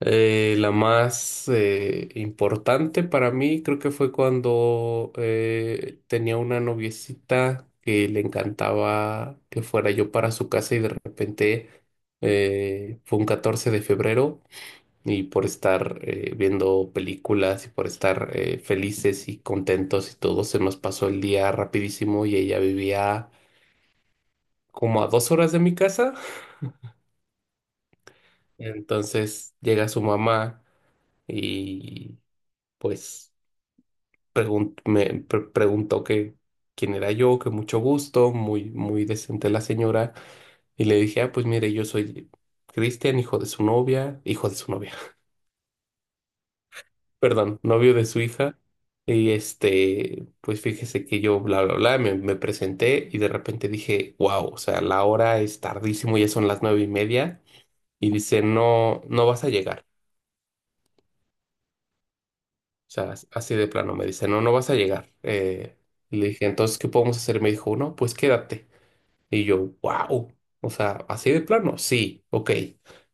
La más importante para mí creo que fue cuando tenía una noviecita que le encantaba que fuera yo para su casa y de repente fue un 14 de febrero y por estar viendo películas y por estar felices y contentos y todo se nos pasó el día rapidísimo, y ella vivía como a dos horas de mi casa. Entonces llega su mamá y pues preguntó que quién era yo, que mucho gusto, muy, muy decente la señora, y le dije, ah, pues mire, yo soy Cristian, hijo de su novia, hijo de su novia, perdón, novio de su hija, y este, pues fíjese que yo, bla, bla, bla, me presenté y de repente dije, wow, o sea, la hora es tardísimo, ya son las nueve y media. Y dice, no, no vas a llegar. O sea, así de plano me dice, no, no vas a llegar. Y le dije, entonces, ¿qué podemos hacer? Me dijo, no, pues quédate. Y yo, wow, o sea, así de plano, sí, ok.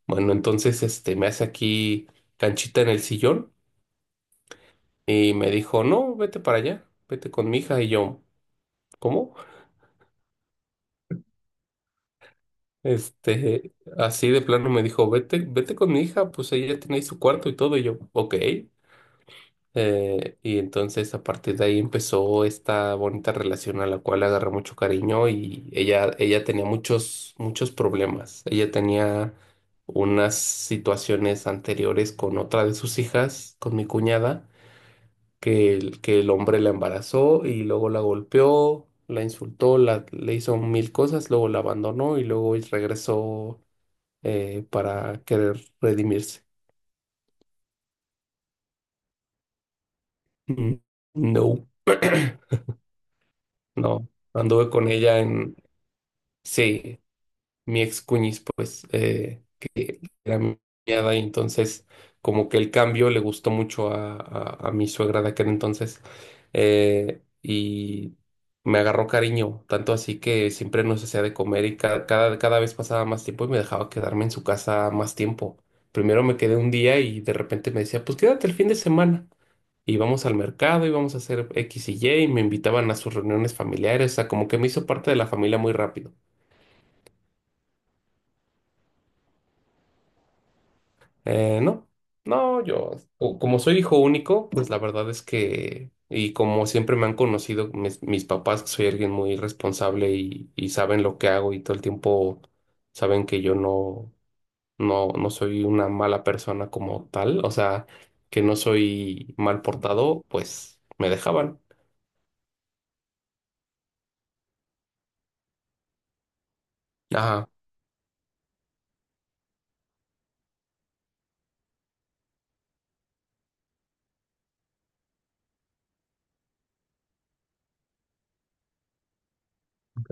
Bueno, entonces este, me hace aquí canchita en el sillón y me dijo, no, vete para allá, vete con mi hija. Y yo, ¿cómo? Este, así de plano me dijo, vete, vete con mi hija, pues ella tiene ahí su cuarto y todo. Y yo, ok. Y entonces a partir de ahí empezó esta bonita relación a la cual agarré mucho cariño, y ella tenía muchos, muchos problemas. Ella tenía unas situaciones anteriores con otra de sus hijas, con mi cuñada, que el hombre la embarazó y luego la golpeó, la insultó, la, le hizo mil cosas, luego la abandonó y luego regresó para querer redimirse. Mm, no, no, anduve con ella. Sí, mi ex cuñis, pues, que era mi cuñada. Y entonces, como que el cambio le gustó mucho a, a mi suegra de aquel entonces, y me agarró cariño, tanto así que siempre nos hacía de comer, y cada vez pasaba más tiempo y me dejaba quedarme en su casa más tiempo. Primero me quedé un día y de repente me decía, pues quédate el fin de semana. Íbamos al mercado, íbamos a hacer X y Y, y me invitaban a sus reuniones familiares, o sea, como que me hizo parte de la familia muy rápido. No, no, yo, como soy hijo único, pues la verdad es que, y como siempre me han conocido mis, mis papás, que soy alguien muy responsable y saben lo que hago y todo el tiempo saben que yo no, no, no soy una mala persona como tal, o sea, que no soy mal portado, pues me dejaban. Ajá, ok,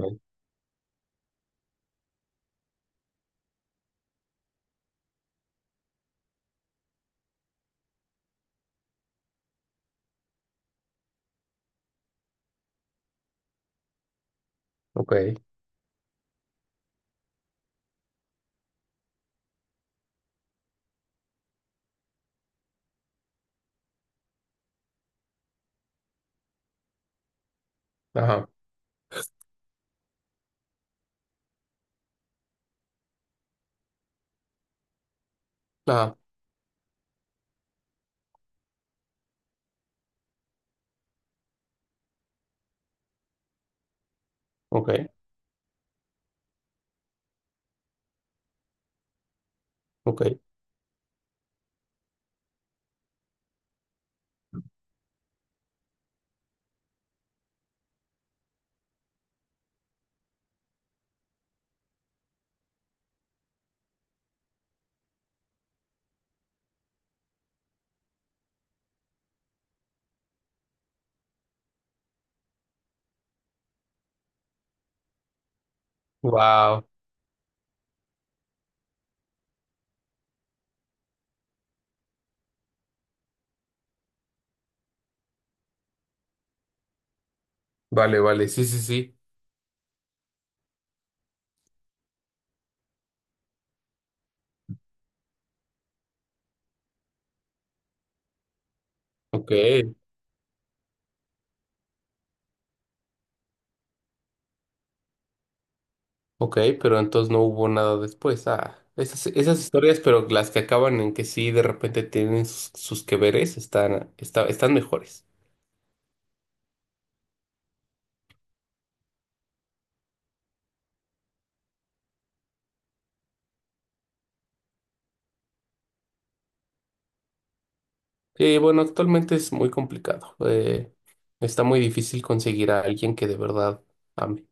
ok, ajá, ajá, ok, ok, wow, vale, vale, sí, sí, sí, ok. Ok, pero entonces no hubo nada después. Ah, esas, esas historias, pero las que acaban en que sí de repente tienen sus, sus que veres, están, están mejores. Bueno, actualmente es muy complicado. Está muy difícil conseguir a alguien que de verdad ame.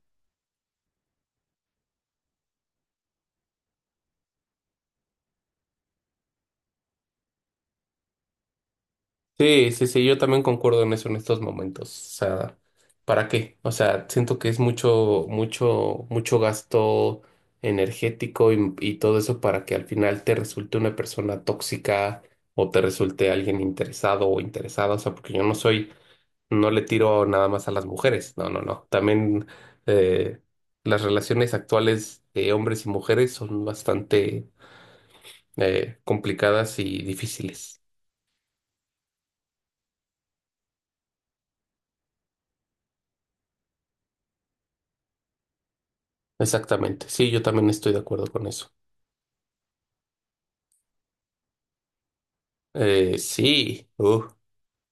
Sí, sí, sí, yo también concuerdo en eso en estos momentos. O sea, ¿para qué? O sea, siento que es mucho, mucho, mucho gasto energético y todo eso para que al final te resulte una persona tóxica o te resulte alguien interesado o interesada. O sea, porque yo no soy, no le tiro nada más a las mujeres. No, no, no. También eh, las relaciones actuales de hombres y mujeres son bastante complicadas y difíciles. Exactamente. Sí, yo también estoy de acuerdo con eso. Eh, sí, uh,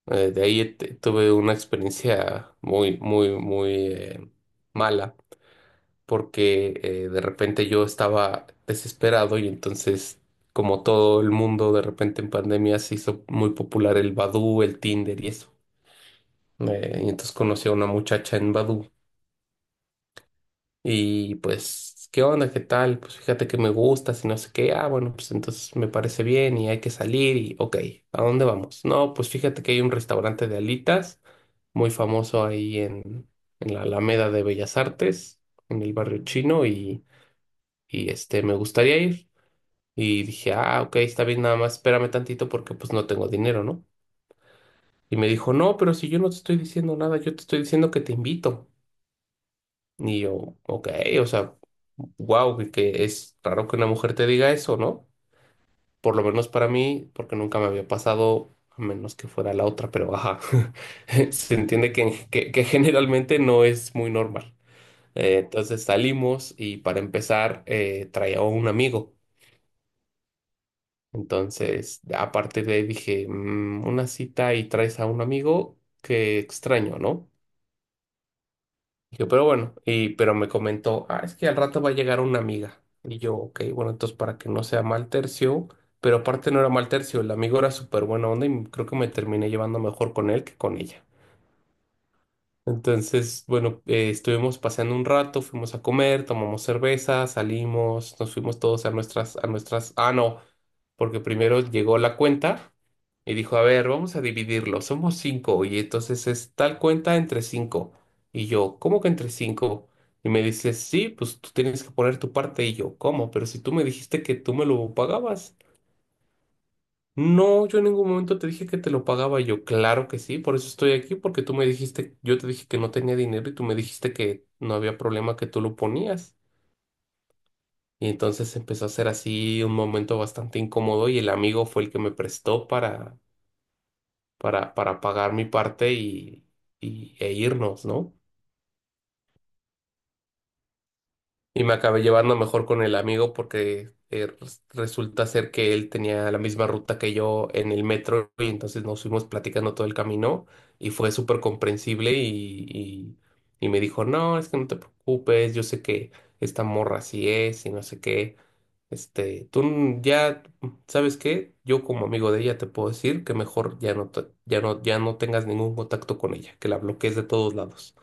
eh, de ahí tuve una experiencia muy, muy, muy mala, porque de repente yo estaba desesperado y entonces, como todo el mundo, de repente en pandemia se hizo muy popular el Badoo, el Tinder y eso. Y entonces conocí a una muchacha en Badoo. Y pues, ¿qué onda? ¿Qué tal? Pues fíjate que me gusta, si no sé qué. Ah, bueno, pues entonces me parece bien y hay que salir y, ok, ¿a dónde vamos? No, pues fíjate que hay un restaurante de alitas muy famoso ahí en la Alameda de Bellas Artes, en el barrio chino, y este, me gustaría ir. Y dije, ah, ok, está bien, nada más espérame tantito porque pues no tengo dinero, ¿no? Y me dijo, no, pero si yo no te estoy diciendo nada, yo te estoy diciendo que te invito. Y yo, ok, o sea, wow, que es raro que una mujer te diga eso, ¿no? Por lo menos para mí, porque nunca me había pasado, a menos que fuera la otra, pero ajá, se entiende que, que generalmente no es muy normal. Entonces salimos y para empezar traía a un amigo. Entonces, a partir de ahí dije, "Mm, una cita y traes a un amigo, qué extraño, ¿no?" Yo, pero bueno, y, pero me comentó, ah, es que al rato va a llegar una amiga. Y yo, ok, bueno, entonces para que no sea mal tercio, pero aparte no era mal tercio, el amigo era súper buena onda y creo que me terminé llevando mejor con él que con ella. Entonces, bueno, estuvimos paseando un rato, fuimos a comer, tomamos cerveza, salimos, nos fuimos todos a nuestras, ah, no, porque primero llegó la cuenta. Y dijo, a ver, vamos a dividirlo, somos cinco, y entonces es tal cuenta entre cinco. Y yo, ¿cómo que entre cinco? Y me dice, sí, pues tú tienes que poner tu parte. Y yo, ¿cómo? Pero si tú me dijiste que tú me lo pagabas. No, yo en ningún momento te dije que te lo pagaba. Y yo, claro que sí, por eso estoy aquí, porque tú me dijiste, yo te dije que no tenía dinero y tú me dijiste que no había problema, que tú lo ponías. Y entonces empezó a ser así un momento bastante incómodo, y el amigo fue el que me prestó para para pagar mi parte y, e irnos, ¿no? Y me acabé llevando mejor con el amigo porque resulta ser que él tenía la misma ruta que yo en el metro y entonces nos fuimos platicando todo el camino, y fue súper comprensible y, y me dijo, no, es que no te preocupes, yo sé que esta morra así es y no sé qué. Este, ya, ¿sabes qué? Yo como amigo de ella te puedo decir que mejor ya no, ya no, ya no tengas ningún contacto con ella, que la bloquees de todos lados.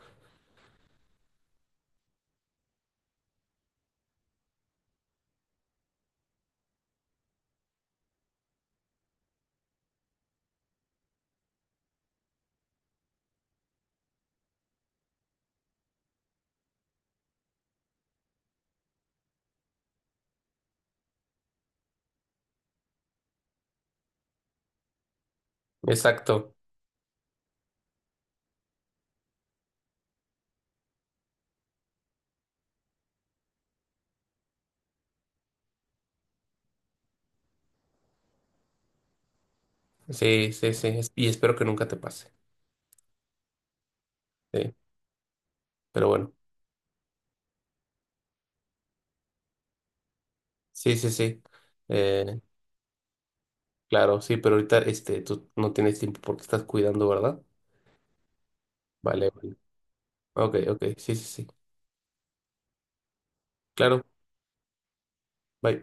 Exacto. Sí, sí, sí. Y espero que nunca te pase. Sí, pero bueno. Sí, sí, sí. Eh, claro, sí, pero ahorita este, tú no tienes tiempo porque estás cuidando, ¿verdad? Vale, vale. Ok, ok. Sí, sí, sí. Claro. Bye.